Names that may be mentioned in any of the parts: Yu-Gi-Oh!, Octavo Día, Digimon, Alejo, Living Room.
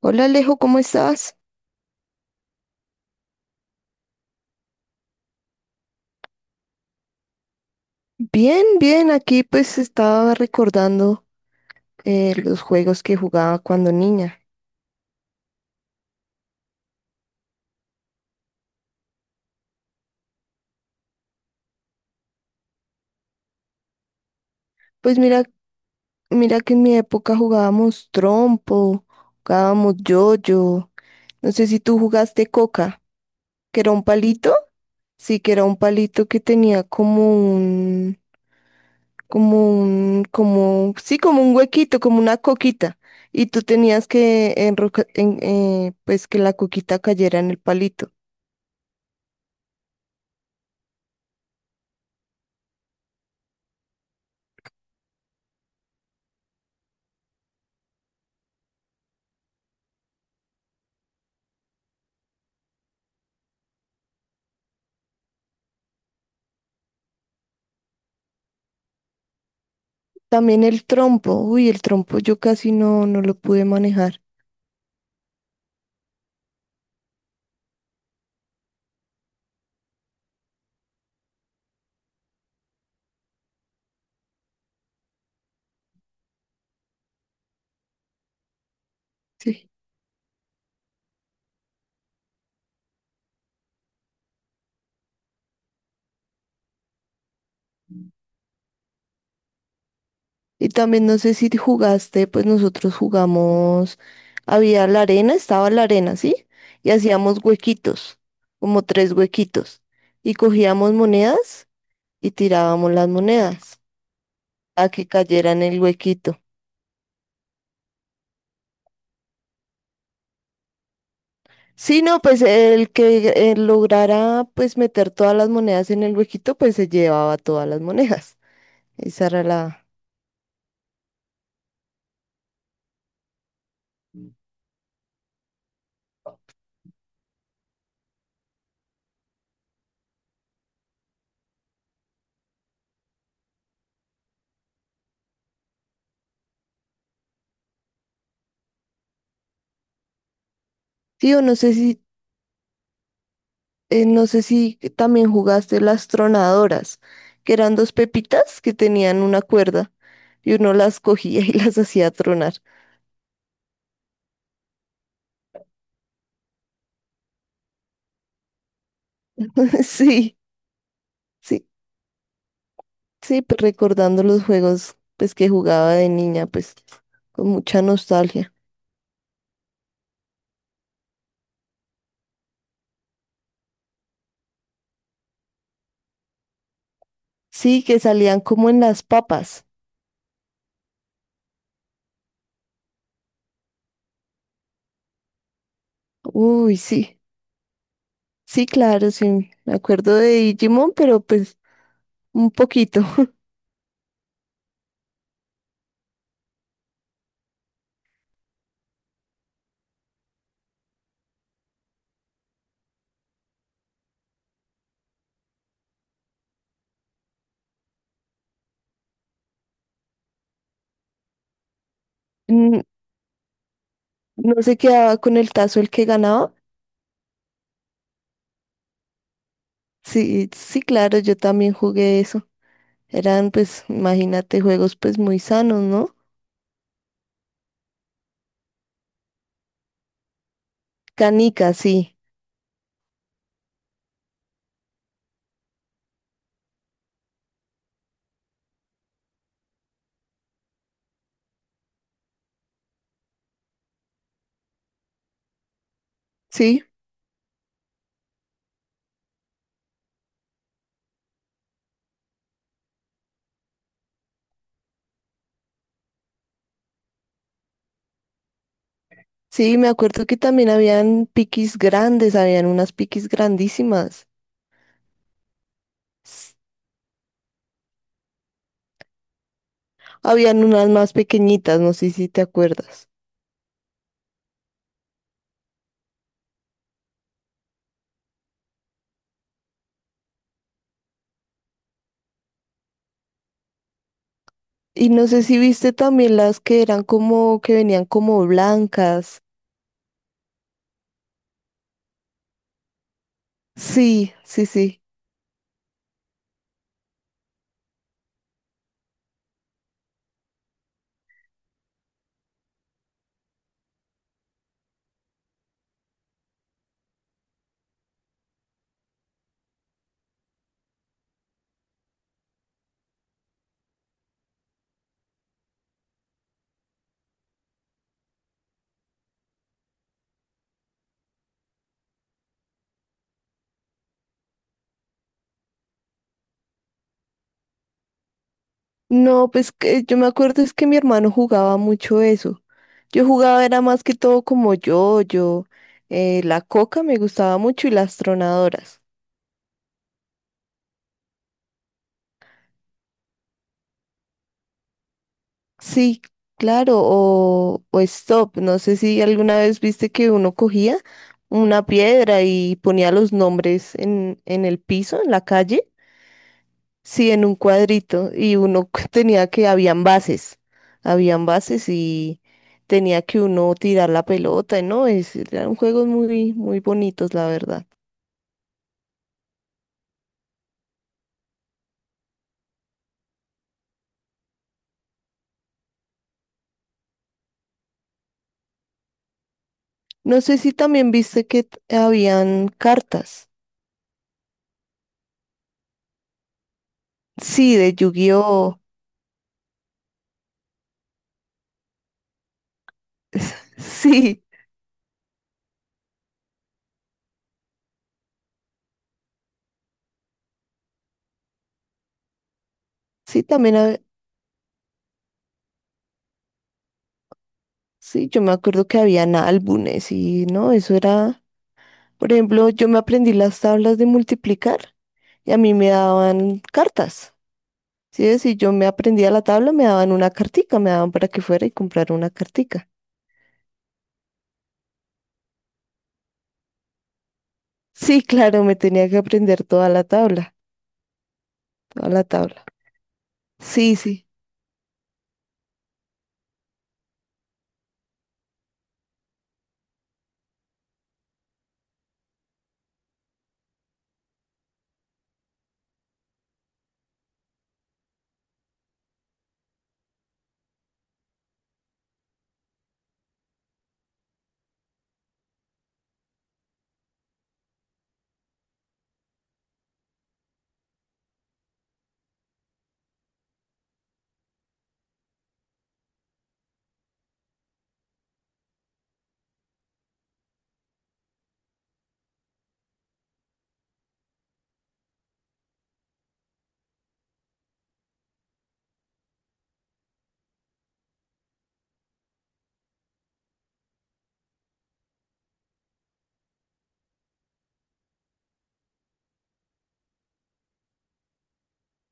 Hola Alejo, ¿cómo estás? Bien, bien, aquí pues estaba recordando los juegos que jugaba cuando niña. Pues mira, mira que en mi época jugábamos trompo, jugábamos yoyo. No sé si tú jugaste coca, que era un palito. Sí, que era un palito que tenía como un huequito, como una coquita. Y tú tenías que pues que la coquita cayera en el palito. También el trompo, uy, el trompo yo casi no lo pude manejar, sí. Y también no sé si jugaste, pues nosotros jugamos, había la arena, estaba la arena, ¿sí? Y hacíamos huequitos, como tres huequitos, y cogíamos monedas y tirábamos las monedas a que cayeran en el huequito. Sí, no, pues el que lograra pues meter todas las monedas en el huequito, pues se llevaba todas las monedas. Esa era la... Sí, o no sé si también jugaste las tronadoras, que eran dos pepitas que tenían una cuerda y uno las cogía y las hacía tronar. Sí, sí, sí, pues recordando los juegos pues que jugaba de niña, pues con mucha nostalgia. Sí, que salían como en las papas. Uy, sí, sí, claro, sí, me acuerdo de Digimon, pero pues un poquito. Mm. No se quedaba con el tazo el que ganaba. Sí, sí, claro, yo también jugué eso. Eran, pues, imagínate, juegos pues muy sanos, ¿no? Canicas, sí. Sí, sí, me acuerdo que también habían piquis grandes, habían unas piquis grandísimas. S- Habían unas más pequeñitas, no sé si te acuerdas. Y no sé si viste también las que eran como, que venían como blancas. Sí, sí, sí. No, pues que yo me acuerdo es que mi hermano jugaba mucho eso. Yo jugaba era más que todo como yo, la coca me gustaba mucho y las tronadoras. Sí, claro, o stop. No sé si alguna vez viste que uno cogía una piedra y ponía los nombres en el piso, en la calle, sí, en un cuadrito, y uno tenía que, habían bases y tenía que uno tirar la pelota, ¿no? Eran juegos muy, muy bonitos, la verdad. No sé si también viste que habían cartas, sí, de Yu-Gi-Oh! Sí, sí, también. Sí, yo me acuerdo que habían álbumes y no, eso era, por ejemplo, yo me aprendí las tablas de multiplicar y a mí me daban cartas. Sí, si yo me aprendía la tabla, me daban una cartica, me daban para que fuera y comprara una cartica. Sí, claro, me tenía que aprender toda la tabla, toda la tabla. Sí, sí.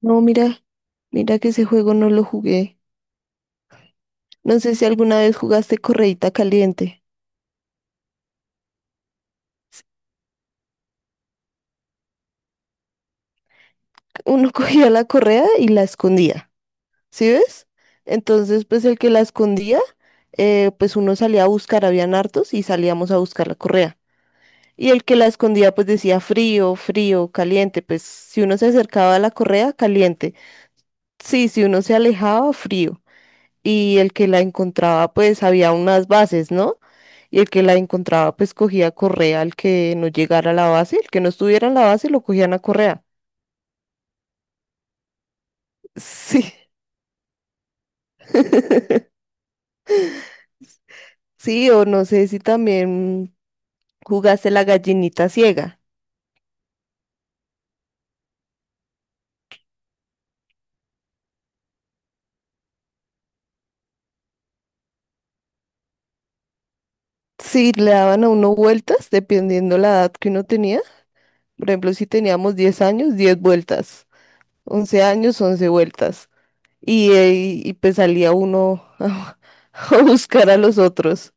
No, mira, mira que ese juego no lo jugué. No sé si alguna vez jugaste correíta caliente. Uno cogía la correa y la escondía. ¿Sí ves? Entonces, pues el que la escondía, pues uno salía a buscar, habían hartos y salíamos a buscar la correa. Y el que la escondía, pues decía frío, frío, caliente. Pues si uno se acercaba a la correa, caliente. Sí, si uno se alejaba, frío. Y el que la encontraba, pues había unas bases, ¿no? Y el que la encontraba, pues cogía correa al que no llegara a la base, el que no estuviera en la base, lo cogían a correa. Sí. Sí, o no sé si también ¿jugaste la gallinita ciega? Sí, le daban a uno vueltas dependiendo la edad que uno tenía. Por ejemplo, si teníamos 10 años, 10 vueltas. 11 años, 11 vueltas. Y, pues salía uno a buscar a los otros.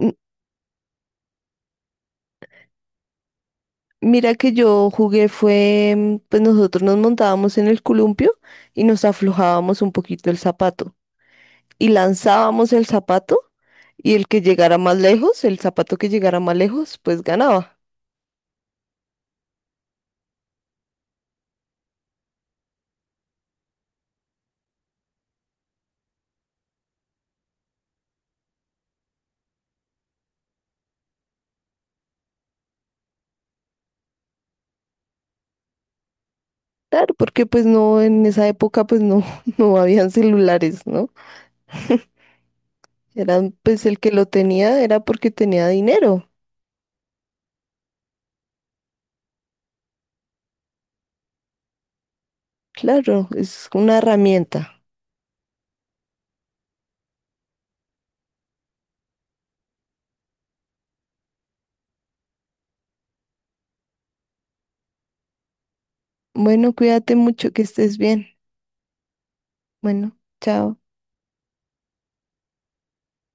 M- Mira que yo jugué fue, mm, pues nosotros nos montábamos en el columpio y nos aflojábamos un poquito el zapato. Y lanzábamos el zapato y el que llegara más lejos, el zapato que llegara más lejos, pues ganaba. Claro, porque pues no, en esa época pues no, no habían celulares, ¿no? Eran, pues el que lo tenía era porque tenía dinero. Claro, es una herramienta. Bueno, cuídate mucho, que estés bien. Bueno, chao.